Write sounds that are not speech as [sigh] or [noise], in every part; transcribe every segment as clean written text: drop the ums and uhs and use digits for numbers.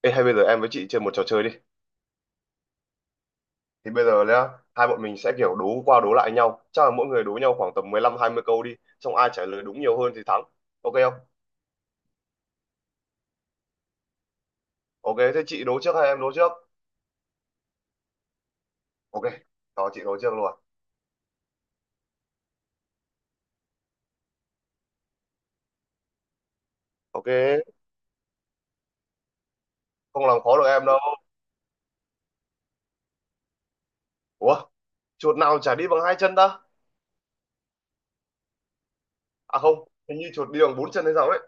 Ê, hay bây giờ em với chị chơi một trò chơi đi. Thì bây giờ nhá, hai bọn mình sẽ kiểu đố qua đố lại nhau. Chắc là mỗi người đố nhau khoảng tầm 15 20 câu đi, xong ai trả lời đúng nhiều hơn thì thắng. Ok không? Ok, thế chị đố trước hay em đố trước? Ok, đó chị đố trước luôn. Ok, không làm khó được em đâu. Ủa, chuột nào chả đi bằng hai chân ta? À không, hình như chuột đi bằng bốn chân hay sao ấy.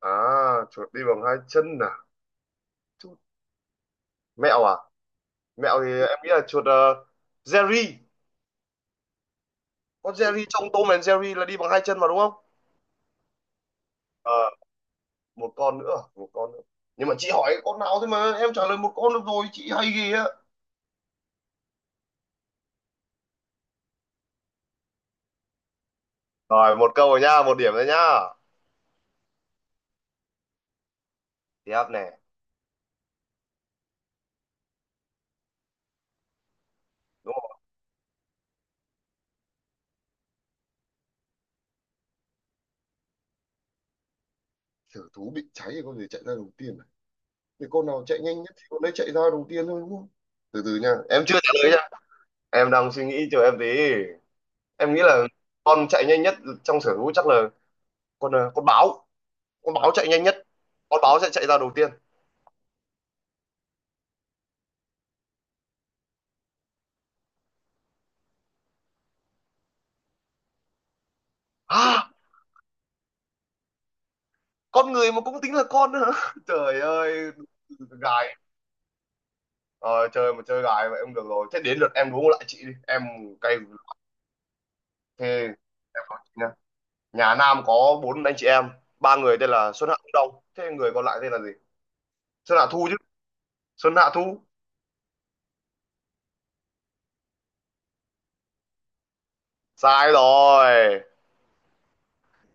À, chuột đi bằng hai chân à? Chuột... Mẹo à? Mẹo thì em nghĩ là chuột Jerry. Con Jerry trong Tom and Jerry là đi bằng hai chân mà đúng không? Ờ, một con nữa à? Một con nữa, nhưng mà chị hỏi con nào thế mà em trả lời một con được rồi, chị hay ghê á. Rồi một câu rồi nhá, một điểm rồi nha, tiếp này, đúng không? Thử thú bị cháy thì con gì chạy ra đầu tiên này, thì con nào chạy nhanh nhất thì con đấy chạy ra đầu tiên thôi đúng không? Từ từ nha, em chưa trả lời nha, em đang suy nghĩ, chờ em tí. Em nghĩ là con chạy nhanh nhất trong sở thú chắc là con con báo, con báo chạy nhanh nhất, con báo sẽ chạy ra đầu tiên. À, con người mà cũng tính là con nữa hả? [laughs] Trời ơi, gài. Ờ, chơi mà chơi gái vậy không được rồi, thế đến lượt em đố lại chị đi em. Cay. Thế em nói chị nha, nhà Nam có bốn anh chị em, ba người tên là Xuân Hạ Thu Đông, thế người còn lại tên là gì? Xuân Hạ Thu chứ. Xuân Hạ Thu. Sai rồi,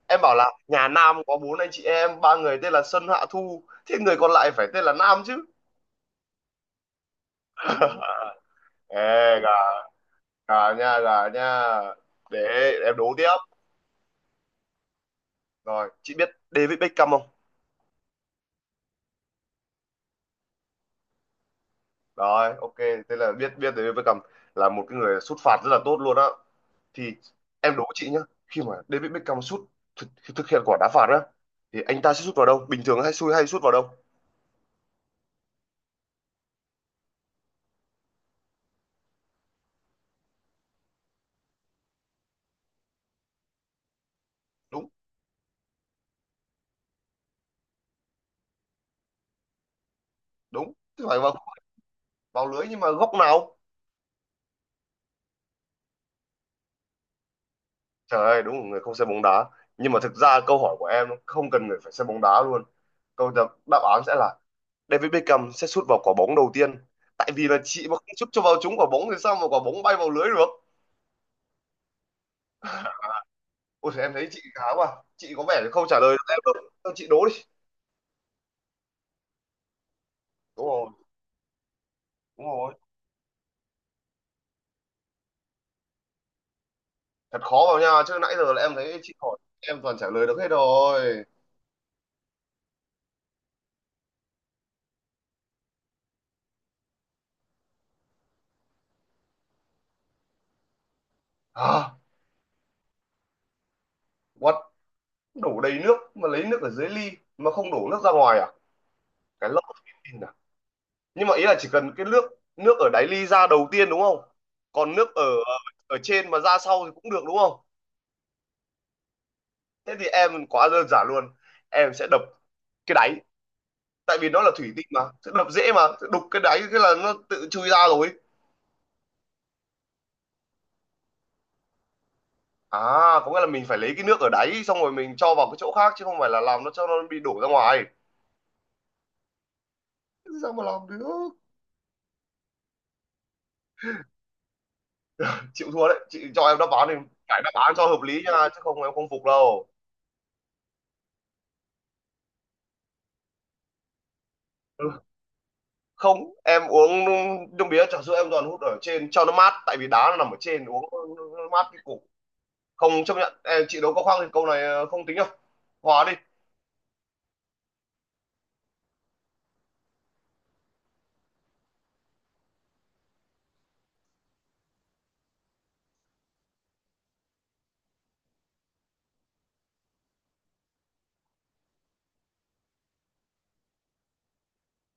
em bảo là nhà Nam có bốn anh chị em, ba người tên là Xuân Hạ Thu, thế người còn lại phải tên là Nam chứ. [laughs] Ê gà, gà nha, gà nha, để em đố tiếp. Rồi chị biết David Beckham không? Rồi, ok, thế là biết, biết David Beckham là một cái người sút phạt rất là tốt luôn á, thì em đố chị nhá, khi mà David Beckham sút thực, thực hiện quả đá phạt á thì anh ta sẽ sút vào đâu, bình thường hay xui hay sút vào đâu? Đúng. Đúng. Thế phải vào, vào lưới nhưng mà góc nào. Trời ơi, đúng là người không xem bóng đá, nhưng mà thực ra câu hỏi của em nó không cần người phải xem bóng đá luôn. Đáp án sẽ là David Beckham sẽ sút vào quả bóng đầu tiên, tại vì là chị mà không sút cho vào trúng quả bóng thì sao mà quả bóng bay vào lưới được. Ôi em thấy chị khá quá, chị có vẻ không trả lời được em đâu. Thôi chị đố đi. Đúng rồi. Đúng rồi, thật khó vào nha chứ nãy giờ là em thấy chị hỏi em toàn trả lời được hết rồi. À, what, đổ đầy nước mà lấy nước ở dưới ly mà không đổ nước ra ngoài à? Cái lốc thông tin à? Nhưng mà ý là chỉ cần cái nước, nước ở đáy ly ra đầu tiên đúng không, còn nước ở ở trên mà ra sau thì cũng được đúng không? Thế thì em quá đơn giản luôn, em sẽ đập cái đáy, tại vì nó là thủy tinh mà sẽ đập dễ mà, sẽ đục cái đáy cái là nó tự chui ra rồi. À, có nghĩa là mình phải lấy cái nước ở đáy xong rồi mình cho vào cái chỗ khác chứ không phải là làm nó cho nó bị đổ ra ngoài. Sao mà làm được. Chịu thua đấy, chị cho em đáp án thì phải đáp án cho hợp lý nha chứ không em không phục đâu. Ừ. Không, em uống nước mía trà sữa em toàn hút ở trên cho nó mát tại vì đá nó nằm ở trên, uống nó mát cái cục. Không chấp nhận, em chị đấu có khoang thì câu này không tính đâu, hòa đi.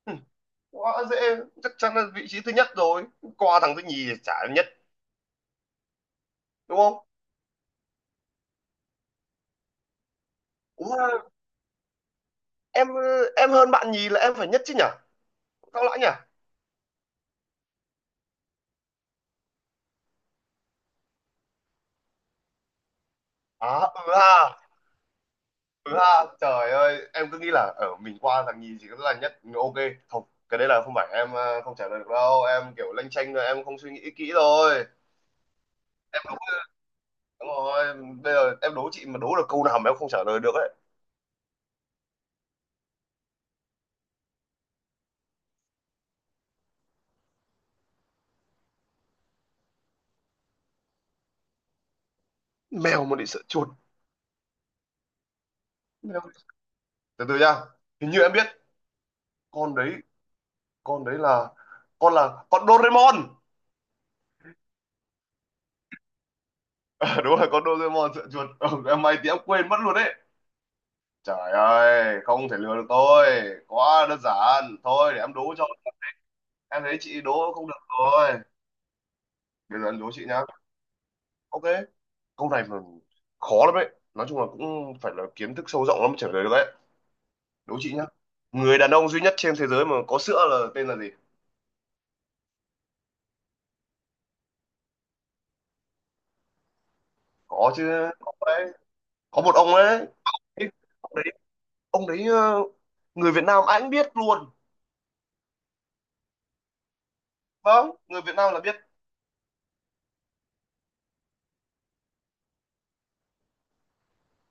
Ừ, quá dễ, chắc chắn là vị trí thứ nhất rồi, qua thằng thứ nhì thì chả nhất, đúng không? Ủa, em ờ, em hơn bạn nhì là em phải nhất chứ nhỉ, sao lại nhỉ. À ừ ha. Ừ ha, trời ơi, em cứ nghĩ là ở mình qua thằng nhì chỉ có là nhất. Ok. Không, cái đấy là không phải em không trả lời được đâu, em kiểu lanh chanh rồi em không suy nghĩ kỹ rồi. Đúng rồi, bây giờ em đố chị mà đố được câu nào mà em không trả lời được ấy. Mèo mà bị sợ chuột. Mèo. Từ từ nha. Hình như em biết con đấy, con đấy là con Doraemon. [laughs] Đúng rồi, con Doraemon sợ chuột. Ừ, em may thì em quên mất luôn đấy. Trời ơi, không thể lừa được tôi. Quá đơn giản. Thôi để em đố cho. Em thấy chị đố không được rồi. Đấy là đố chị nhá. Ok, câu này mà khó lắm đấy. Nói chung là cũng phải là kiến thức sâu rộng lắm mới trả lời được đấy. Đố chị nhá. Người đàn ông duy nhất trên thế giới mà có sữa là tên là gì? Có chứ, có đấy. Có một ông ấy. Ê, ông đấy, ông đấy, người Việt Nam anh biết luôn. Vâng, người Việt Nam là biết.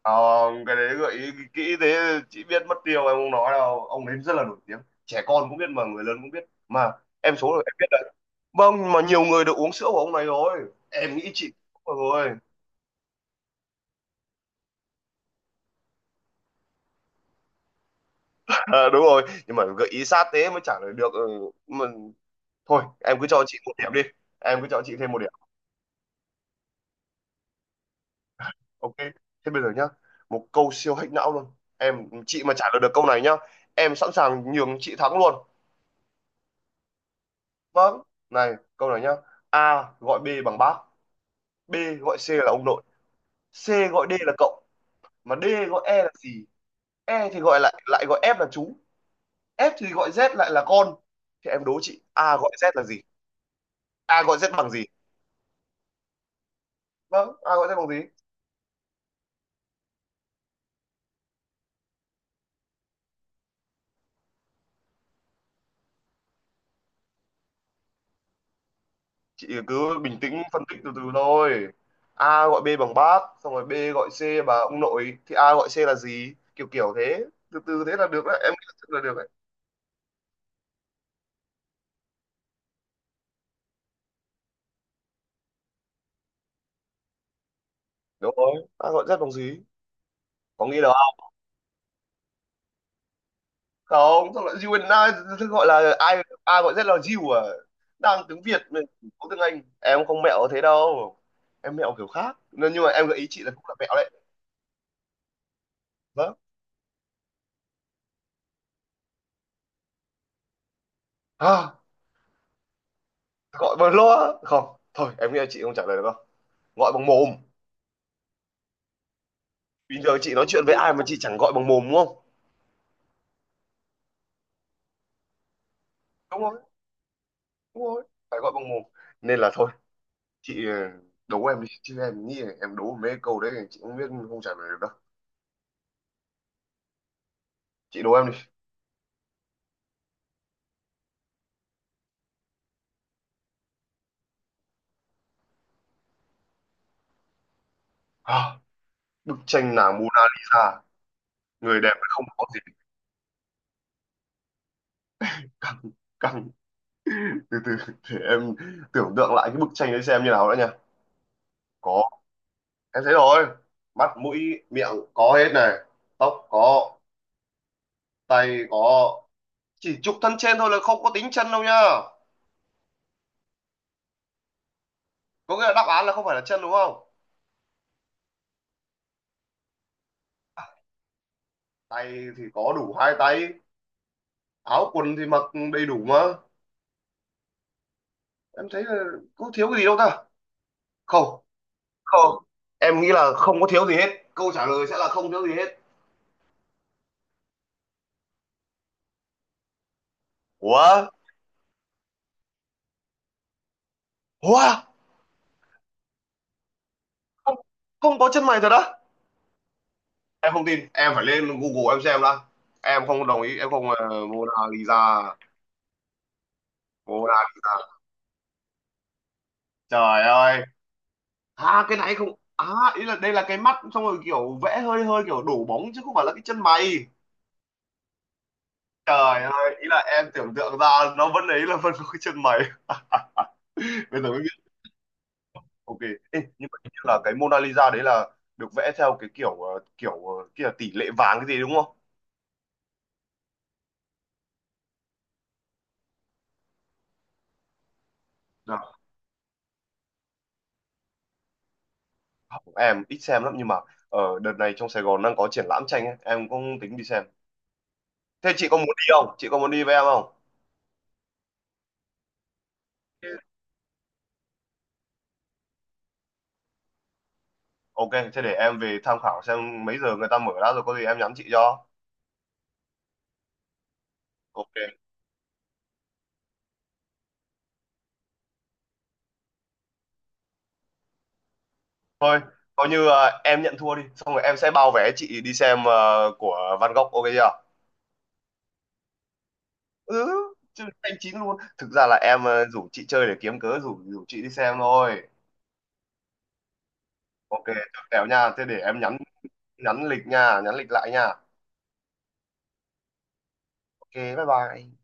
Không, cái đấy gợi ý kỹ thế chị biết mất tiêu em không nói đâu. Ông ấy rất là nổi tiếng. Trẻ con cũng biết mà người lớn cũng biết. Mà em số rồi em biết đấy. Vâng, mà nhiều người được uống sữa của ông này rồi. Em nghĩ chị cũng rồi. Ờ, đúng rồi nhưng mà gợi ý sát thế mới trả lời được, ừ, mà thôi em cứ cho chị một điểm đi, em cứ cho chị thêm một điểm. Ok, thế bây giờ nhá, một câu siêu hack não luôn, em chị mà trả lời được câu này nhá, em sẵn sàng nhường chị thắng luôn. Vâng, này câu này nhá, A gọi B bằng bác, B gọi C là ông nội, C gọi D là cậu, mà D gọi E là gì, E thì gọi lại lại gọi F là chú, F thì gọi Z lại là con, thì em đố chị A gọi Z là gì, A gọi Z bằng gì, vâng A gọi Z bằng gì. Chị cứ bình tĩnh phân tích từ từ thôi. A gọi B bằng bác xong rồi B gọi C bằng ông nội thì A gọi C là gì, kiểu kiểu thế, từ từ thế là được đấy, em nghĩ là rất là được đấy. Đúng rồi, A gọi Z bằng gì, có nghĩ được không? Không, xong lại you and I, thế gọi là ai, A gọi Z là you à? Đang tiếng Việt mà, có tiếng Anh em không mẹo thế đâu, em mẹo kiểu khác nên nhưng mà em gợi ý chị là cũng là mẹo đấy. Vâng, à, gọi bằng loa không, thôi em nghĩ là chị không trả lời được đâu, gọi bằng mồm. Bình thường chị nói chuyện với ai mà chị chẳng gọi bằng mồm đúng không. Đúng rồi, đúng rồi, phải gọi bằng mồm, nên là thôi chị đố em đi chứ em nghĩ là em đố mấy câu đấy chị không biết, không trả lời được đâu. Chị đố em đi. À, bức tranh nàng Mona Lisa, người đẹp mà không có gì. Căng. Căng. Từ từ, để em tưởng tượng lại cái bức tranh đấy xem như nào đã nha. Có, em thấy rồi, mắt mũi miệng có hết này, tóc có, tay có, chỉ chụp thân trên thôi là không có tính chân đâu nhá. Có nghĩa là đáp án là không phải là chân đúng không. Tay thì có đủ hai tay, áo quần thì mặc đầy đủ mà, em thấy là có thiếu cái gì đâu ta. Không, không, em nghĩ là không có thiếu gì hết, câu trả lời sẽ là không thiếu gì hết. Ủa. Ủa. Không, không có chân mày thật á? Em không tin, em phải lên Google em xem đã, em không đồng ý, em không Mona Lisa. Mona Lisa, trời ơi, à cái này không, à, ý là đây là cái mắt xong rồi kiểu vẽ hơi hơi kiểu đổ bóng chứ không phải là cái chân mày. Trời ơi, ý là em tưởng tượng ra nó vẫn ấy là vẫn có cái chân mày. [laughs] Bây giờ mới biết. Ok. Ê, nhưng mà hình như là cái Mona Lisa đấy là được vẽ theo cái kiểu kiểu kia là tỷ lệ vàng cái gì đúng không. Dạ. Không, em ít xem lắm nhưng mà ở đợt này trong Sài Gòn đang có triển lãm tranh ấy, em cũng tính đi xem. Thế chị có muốn đi không, chị có muốn đi với em không? Ừ. Ok, thế để em về tham khảo xem mấy giờ người ta mở ra rồi có gì em nhắn chị cho. Ok, thôi coi như em nhận thua đi xong rồi em sẽ bao vé chị đi xem của Van Gogh, ok chưa? Ừ, chứ anh chín luôn, thực ra là em rủ chị chơi để kiếm cớ rủ rủ chị đi xem thôi. Ok, chốt kèo nha, thế để em nhắn, nhắn lịch nha nhắn lịch lại nha. Ok bye bye.